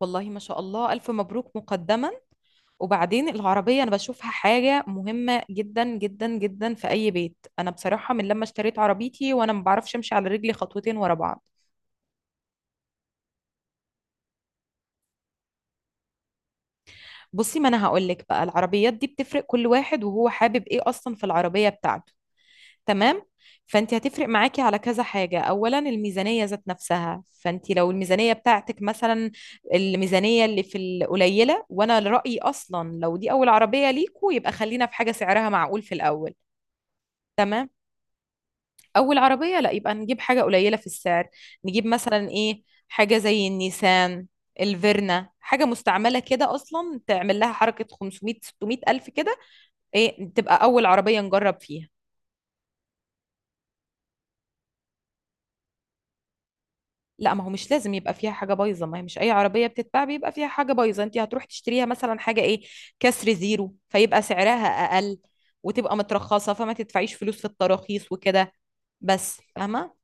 والله، ما شاء الله، ألف مبروك مقدما. وبعدين العربية أنا بشوفها حاجة مهمة جدا جدا جدا في أي بيت. أنا بصراحة من لما اشتريت عربيتي وأنا ما بعرفش أمشي على رجلي خطوتين ورا بعض. بصي، ما أنا هقولك بقى، العربيات دي بتفرق كل واحد وهو حابب إيه أصلا في العربية بتاعته. تمام. فأنت هتفرق معاكي على كذا حاجة. أولا الميزانية ذات نفسها. فأنت لو الميزانية بتاعتك مثلا، الميزانية اللي في القليلة، وأنا رأيي أصلا لو دي أول عربية ليكوا يبقى خلينا في حاجة سعرها معقول في الأول. تمام. اول عربيه لا يبقى نجيب حاجه قليله في السعر. نجيب مثلا ايه، حاجه زي النيسان الفيرنا، حاجه مستعمله كده اصلا تعمل لها حركه 500 600 الف كده، ايه، تبقى اول عربيه نجرب فيها. لا، ما هو مش لازم يبقى فيها حاجه بايظه. ما هي مش اي عربيه بتتباع بيبقى فيها حاجه بايظه. انت هتروح تشتريها مثلا حاجه ايه، كسر زيرو، فيبقى سعرها اقل وتبقى مترخصه فما تدفعيش فلوس في التراخيص وكده. بس، فاهمه.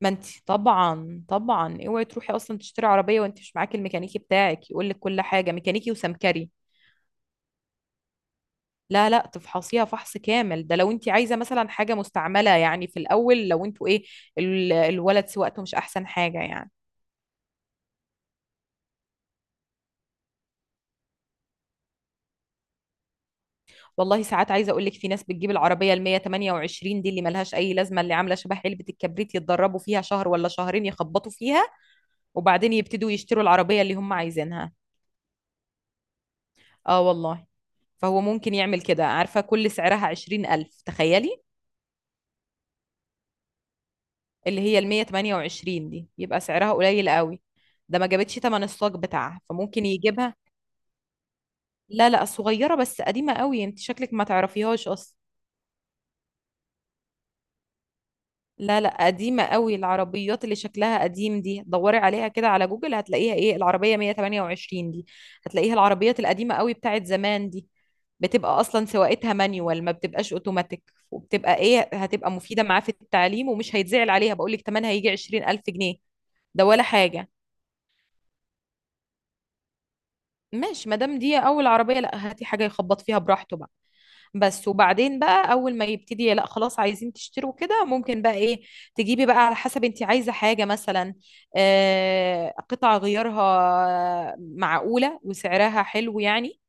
ما انت طبعا طبعا اوعي تروحي اصلا تشتري عربيه وانت مش معاكي الميكانيكي بتاعك يقول لك كل حاجه، ميكانيكي وسمكري. لا لا، تفحصيها فحص كامل. ده لو انت عايزه مثلا حاجه مستعمله يعني في الاول، لو انتوا ايه، الولد سواقته مش احسن حاجه يعني. والله ساعات عايزه اقول لك، في ناس بتجيب العربيه ال 128 دي اللي ملهاش اي لازمه، اللي عامله شبه علبه الكبريت، يتدربوا فيها شهر ولا شهرين يخبطوا فيها وبعدين يبتدوا يشتروا العربيه اللي هم عايزينها. اه والله. فهو ممكن يعمل كده، عارفة، كل سعرها عشرين ألف تخيلي. اللي هي ال 128 دي يبقى سعرها قليل قوي، ده ما جابتش تمن الصاج بتاعها، فممكن يجيبها. لا لا، صغيرة بس قديمة قوي، انت شكلك ما تعرفيهاش اصلا. لا لا، قديمة قوي، العربيات اللي شكلها قديم دي، دوري عليها كده على جوجل هتلاقيها، ايه، العربية 128 دي، هتلاقيها العربيات القديمة قوي بتاعت زمان دي. بتبقى اصلا سواقتها مانيوال، ما بتبقاش اوتوماتيك، وبتبقى ايه، هتبقى مفيدة معاه في التعليم، ومش هيتزعل عليها. بقول لك تمنها هيجي 20000 جنيه، ده ولا حاجة. ماشي، ما دام دي اول عربيه، لا هاتي حاجه يخبط فيها براحته بقى. بس وبعدين بقى اول ما يبتدي، لا خلاص، عايزين تشتروا كده، ممكن بقى ايه، تجيبي بقى على حسب انت عايزه حاجه، مثلا آه قطع غيارها معقوله وسعرها حلو يعني،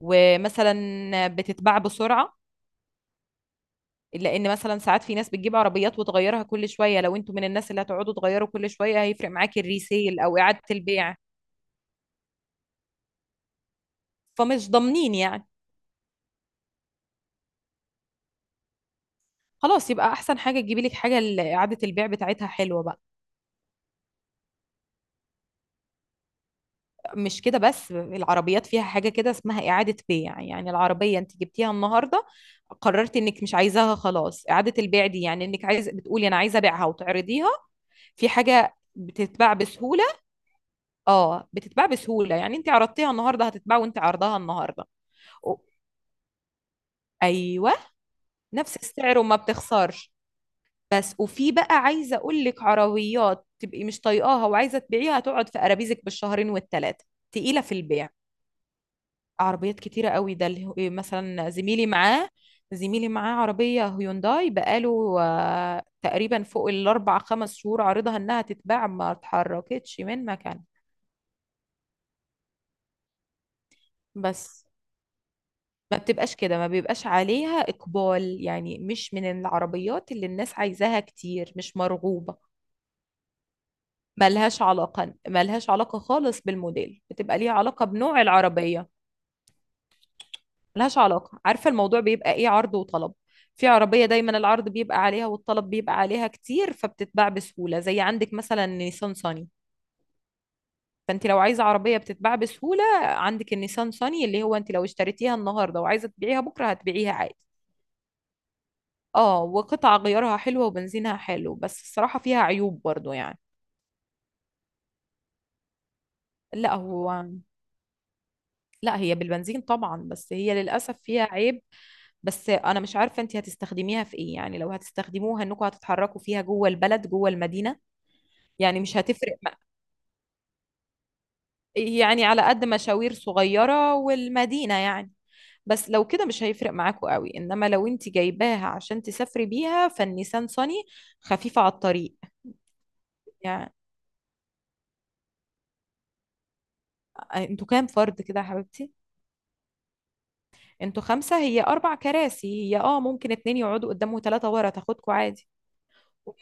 ومثلا بتتباع بسرعه. لان مثلا ساعات في ناس بتجيب عربيات وتغيرها كل شويه، لو انتوا من الناس اللي هتقعدوا تغيروا كل شويه هيفرق معاكي الريسيل او اعاده البيع. فمش ضامنين يعني. خلاص، يبقى احسن حاجه تجيبي لك حاجه اعاده البيع بتاعتها حلوه بقى. مش كده بس، العربيات فيها حاجه كده اسمها اعاده بيع. يعني العربيه انت جبتيها النهارده، قررت انك مش عايزاها، خلاص، اعاده البيع دي يعني انك عايز، بتقولي انا عايزه ابيعها وتعرضيها، في حاجه بتتباع بسهوله. اه بتتباع بسهوله، يعني انت عرضتيها النهارده هتتباع، وانت عرضها النهارده أو- ايوه، نفس السعر وما بتخسرش. بس، وفي بقى عايزه اقول لك، عربيات تبقي مش طايقاها وعايزه تبيعيها تقعد في قرابيزك بالشهرين والثلاثه، تقيله في البيع. عربيات كتيره قوي، ده إيه، مثلا زميلي معاه، زميلي معاه عربيه هيونداي بقاله آه، تقريبا فوق الاربع خمس شهور عارضها انها تتباع، ما اتحركتش من مكان. بس، ما بتبقاش كده، ما بيبقاش عليها اقبال. يعني مش من العربيات اللي الناس عايزاها كتير، مش مرغوبه. ملهاش علاقة، ملهاش علاقة خالص بالموديل، بتبقى ليها علاقة بنوع العربية. ملهاش علاقة. عارفة الموضوع بيبقى ايه، عرض وطلب. في عربية دايما العرض بيبقى عليها والطلب بيبقى عليها كتير فبتتباع بسهولة، زي عندك مثلا نيسان صني. فانت لو عايزة عربية بتتباع بسهولة عندك النيسان صني، اللي هو انت لو اشتريتيها النهاردة وعايزة تبيعيها بكرة هتبيعيها عادي. اه، وقطع غيارها حلوة وبنزينها حلو، بس الصراحة فيها عيوب برضو يعني. لا هو، لا، هي بالبنزين طبعا، بس هي للأسف فيها عيب. بس انا مش عارفه انت هتستخدميها في ايه يعني، لو هتستخدموها انكم هتتحركوا فيها جوه البلد جوه المدينه، يعني مش يعني على قد مشاوير صغيره والمدينه يعني. بس لو كده مش هيفرق معاكوا قوي، انما لو انت جايباها عشان تسافري بيها، فالنيسان صني خفيفه على الطريق. يعني انتوا كام فرد كده يا حبيبتي؟ انتوا خمسه، هي اربع كراسي، هي اه ممكن اتنين يقعدوا قدام وتلاته ورا تاخدكوا عادي.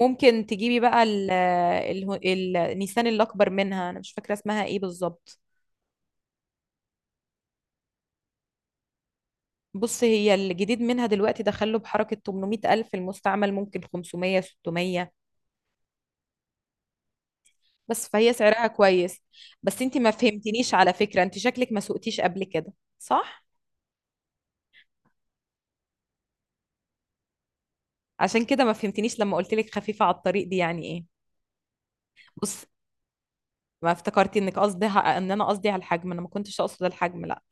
ممكن تجيبي بقى النيسان الأكبر منها، أنا مش فاكرة اسمها إيه بالظبط. بص، هي الجديد منها دلوقتي دخله بحركة 800 ألف، المستعمل ممكن 500 600. بس فهي سعرها كويس. بس أنت ما فهمتنيش، على فكرة أنت شكلك ما سوقتيش قبل كده، صح؟ عشان كده ما فهمتنيش لما قلت لك خفيفة على الطريق دي يعني إيه. بص، ما افتكرتي انك قصدي ان انا قصدي على الحجم، انا ما كنتش اقصد الحجم، لا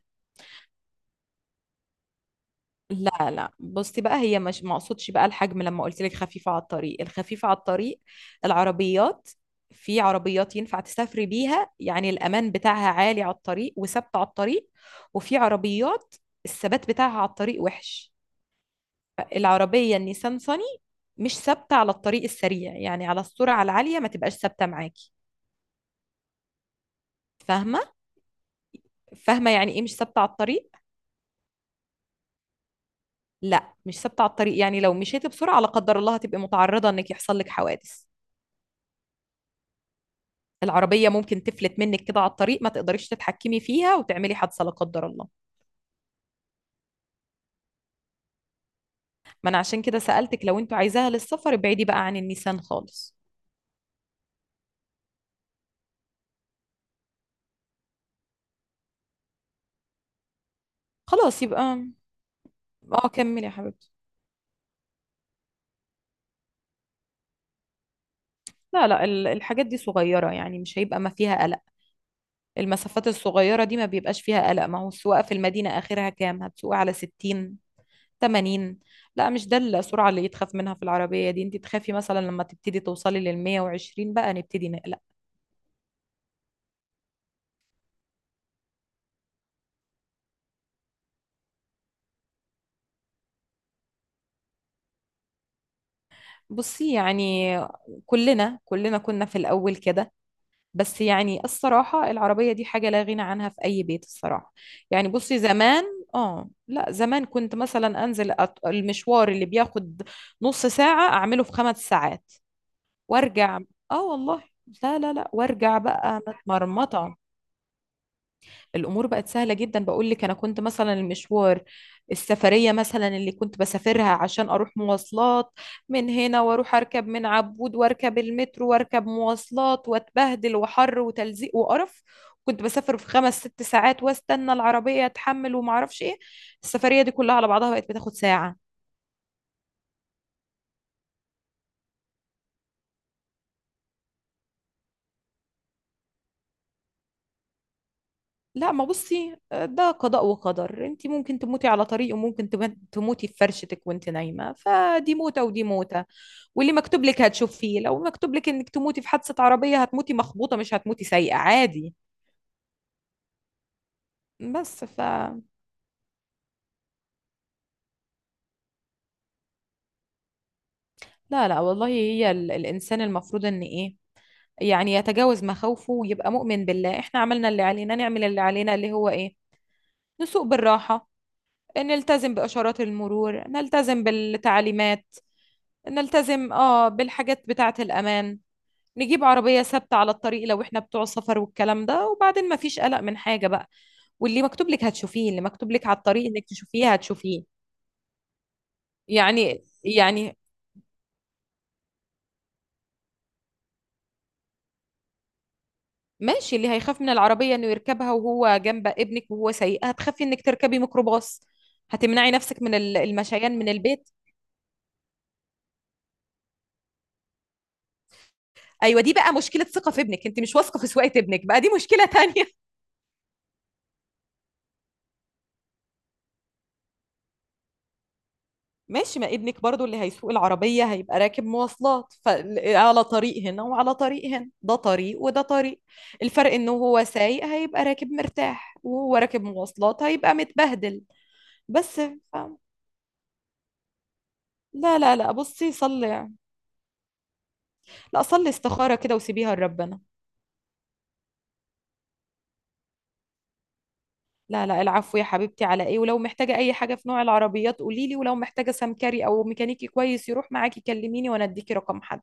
لا لا. بصي بقى، هي مش، ما اقصدش بقى الحجم لما قلت لك خفيفة على الطريق، الخفيفة على الطريق العربيات، في عربيات ينفع تسافري بيها يعني، الأمان بتاعها عالي على الطريق وثابتة على الطريق، وفي عربيات الثبات بتاعها على الطريق وحش. العربية النيسان صني مش ثابتة على الطريق السريع، يعني على السرعة العالية ما تبقاش ثابتة معاكي. فاهمة؟ فاهمة يعني ايه مش ثابتة على الطريق؟ لا، مش ثابتة على الطريق يعني لو مشيتي بسرعة لا قدر الله هتبقي متعرضة انك يحصل لك حوادث. العربية ممكن تفلت منك كده على الطريق، ما تقدريش تتحكمي فيها وتعملي حادثة لا قدر الله. ما أنا عشان كده سألتك، لو أنتوا عايزاها للسفر ابعدي بقى عن النيسان خالص. خلاص يبقى. اه، كملي يا حبيبتي. لا لا، الحاجات دي صغيرة يعني، مش هيبقى، ما فيها قلق. المسافات الصغيرة دي ما بيبقاش فيها قلق، ما هو السواقة في المدينة آخرها كام، هتسوقي على 60 80. لا، مش ده السرعة اللي يتخاف منها في العربية دي، انت تخافي مثلا لما تبتدي توصلي لل 120 بقى نبتدي نقلق. بصي يعني، كلنا كلنا كنا في الأول كده، بس يعني الصراحة العربية دي حاجة لا غنى عنها في أي بيت الصراحة. يعني بصي زمان، اه لا زمان كنت مثلا أنزل، المشوار اللي بياخد نص ساعة أعمله في خمس ساعات وأرجع. اه والله. لا لا لا، وأرجع بقى متمرمطة. الامور بقت سهله جدا. بقول لك انا كنت مثلا المشوار، السفريه مثلا اللي كنت بسافرها عشان اروح مواصلات من هنا، واروح اركب من عبود واركب المترو واركب مواصلات واتبهدل وحر وتلزيق وقرف، كنت بسافر في خمس ست ساعات واستنى العربيه اتحمل وما اعرفش ايه. السفريه دي كلها على بعضها بقت بتاخد ساعه. لا ما بصي، ده قضاء وقدر، انت ممكن تموتي على طريق وممكن تموتي في فرشتك وانت نايمة، فدي موتة ودي موتة. واللي مكتوب لك هتشوفيه، لو مكتوب لك انك تموتي في حادثة عربية هتموتي مخبوطة، مش هتموتي سايقة عادي. بس ف لا لا، والله هي الانسان المفروض ان ايه، يعني يتجاوز مخاوفه ويبقى مؤمن بالله. احنا عملنا اللي علينا، نعمل اللي علينا اللي هو ايه، نسوق بالراحة، نلتزم بإشارات المرور، نلتزم بالتعليمات، نلتزم اه بالحاجات بتاعة الأمان، نجيب عربية ثابتة على الطريق لو احنا بتوع سفر والكلام ده، وبعدين مفيش قلق من حاجة بقى. واللي مكتوب لك هتشوفيه، اللي مكتوب لك على الطريق انك تشوفيه هتشوفيه. يعني يعني ماشي. اللي هيخاف من العربية انه يركبها وهو جنب ابنك وهو سايقها، هتخافي انك تركبي ميكروباص، هتمنعي نفسك من المشيان من البيت. ايوه، دي بقى مشكلة ثقة في ابنك، انت مش واثقة في سواقة ابنك بقى، دي مشكلة تانية. ماشي، ما ابنك برضو اللي هيسوق العربية هيبقى راكب مواصلات، فعلى طريق هنا وعلى طريق هنا، ده طريق وده طريق. الفرق انه هو سايق هيبقى راكب مرتاح، وهو راكب مواصلات هيبقى متبهدل. بس ف... لا لا لا، بصي صلي يعني. لا صلي استخارة كده وسيبيها لربنا. لا لا، العفو يا حبيبتي، على ايه، ولو محتاجة اي حاجة في نوع العربيات قوليلي، ولو محتاجة سمكري او ميكانيكي كويس يروح معاكي كلميني وانا اديكي رقم حد.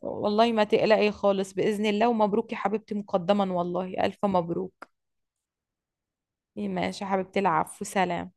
والله ما تقلقي خالص، بإذن الله، ومبروك يا حبيبتي مقدما، والله ألف مبروك. ماشي يا حبيبتي، العفو، سلام.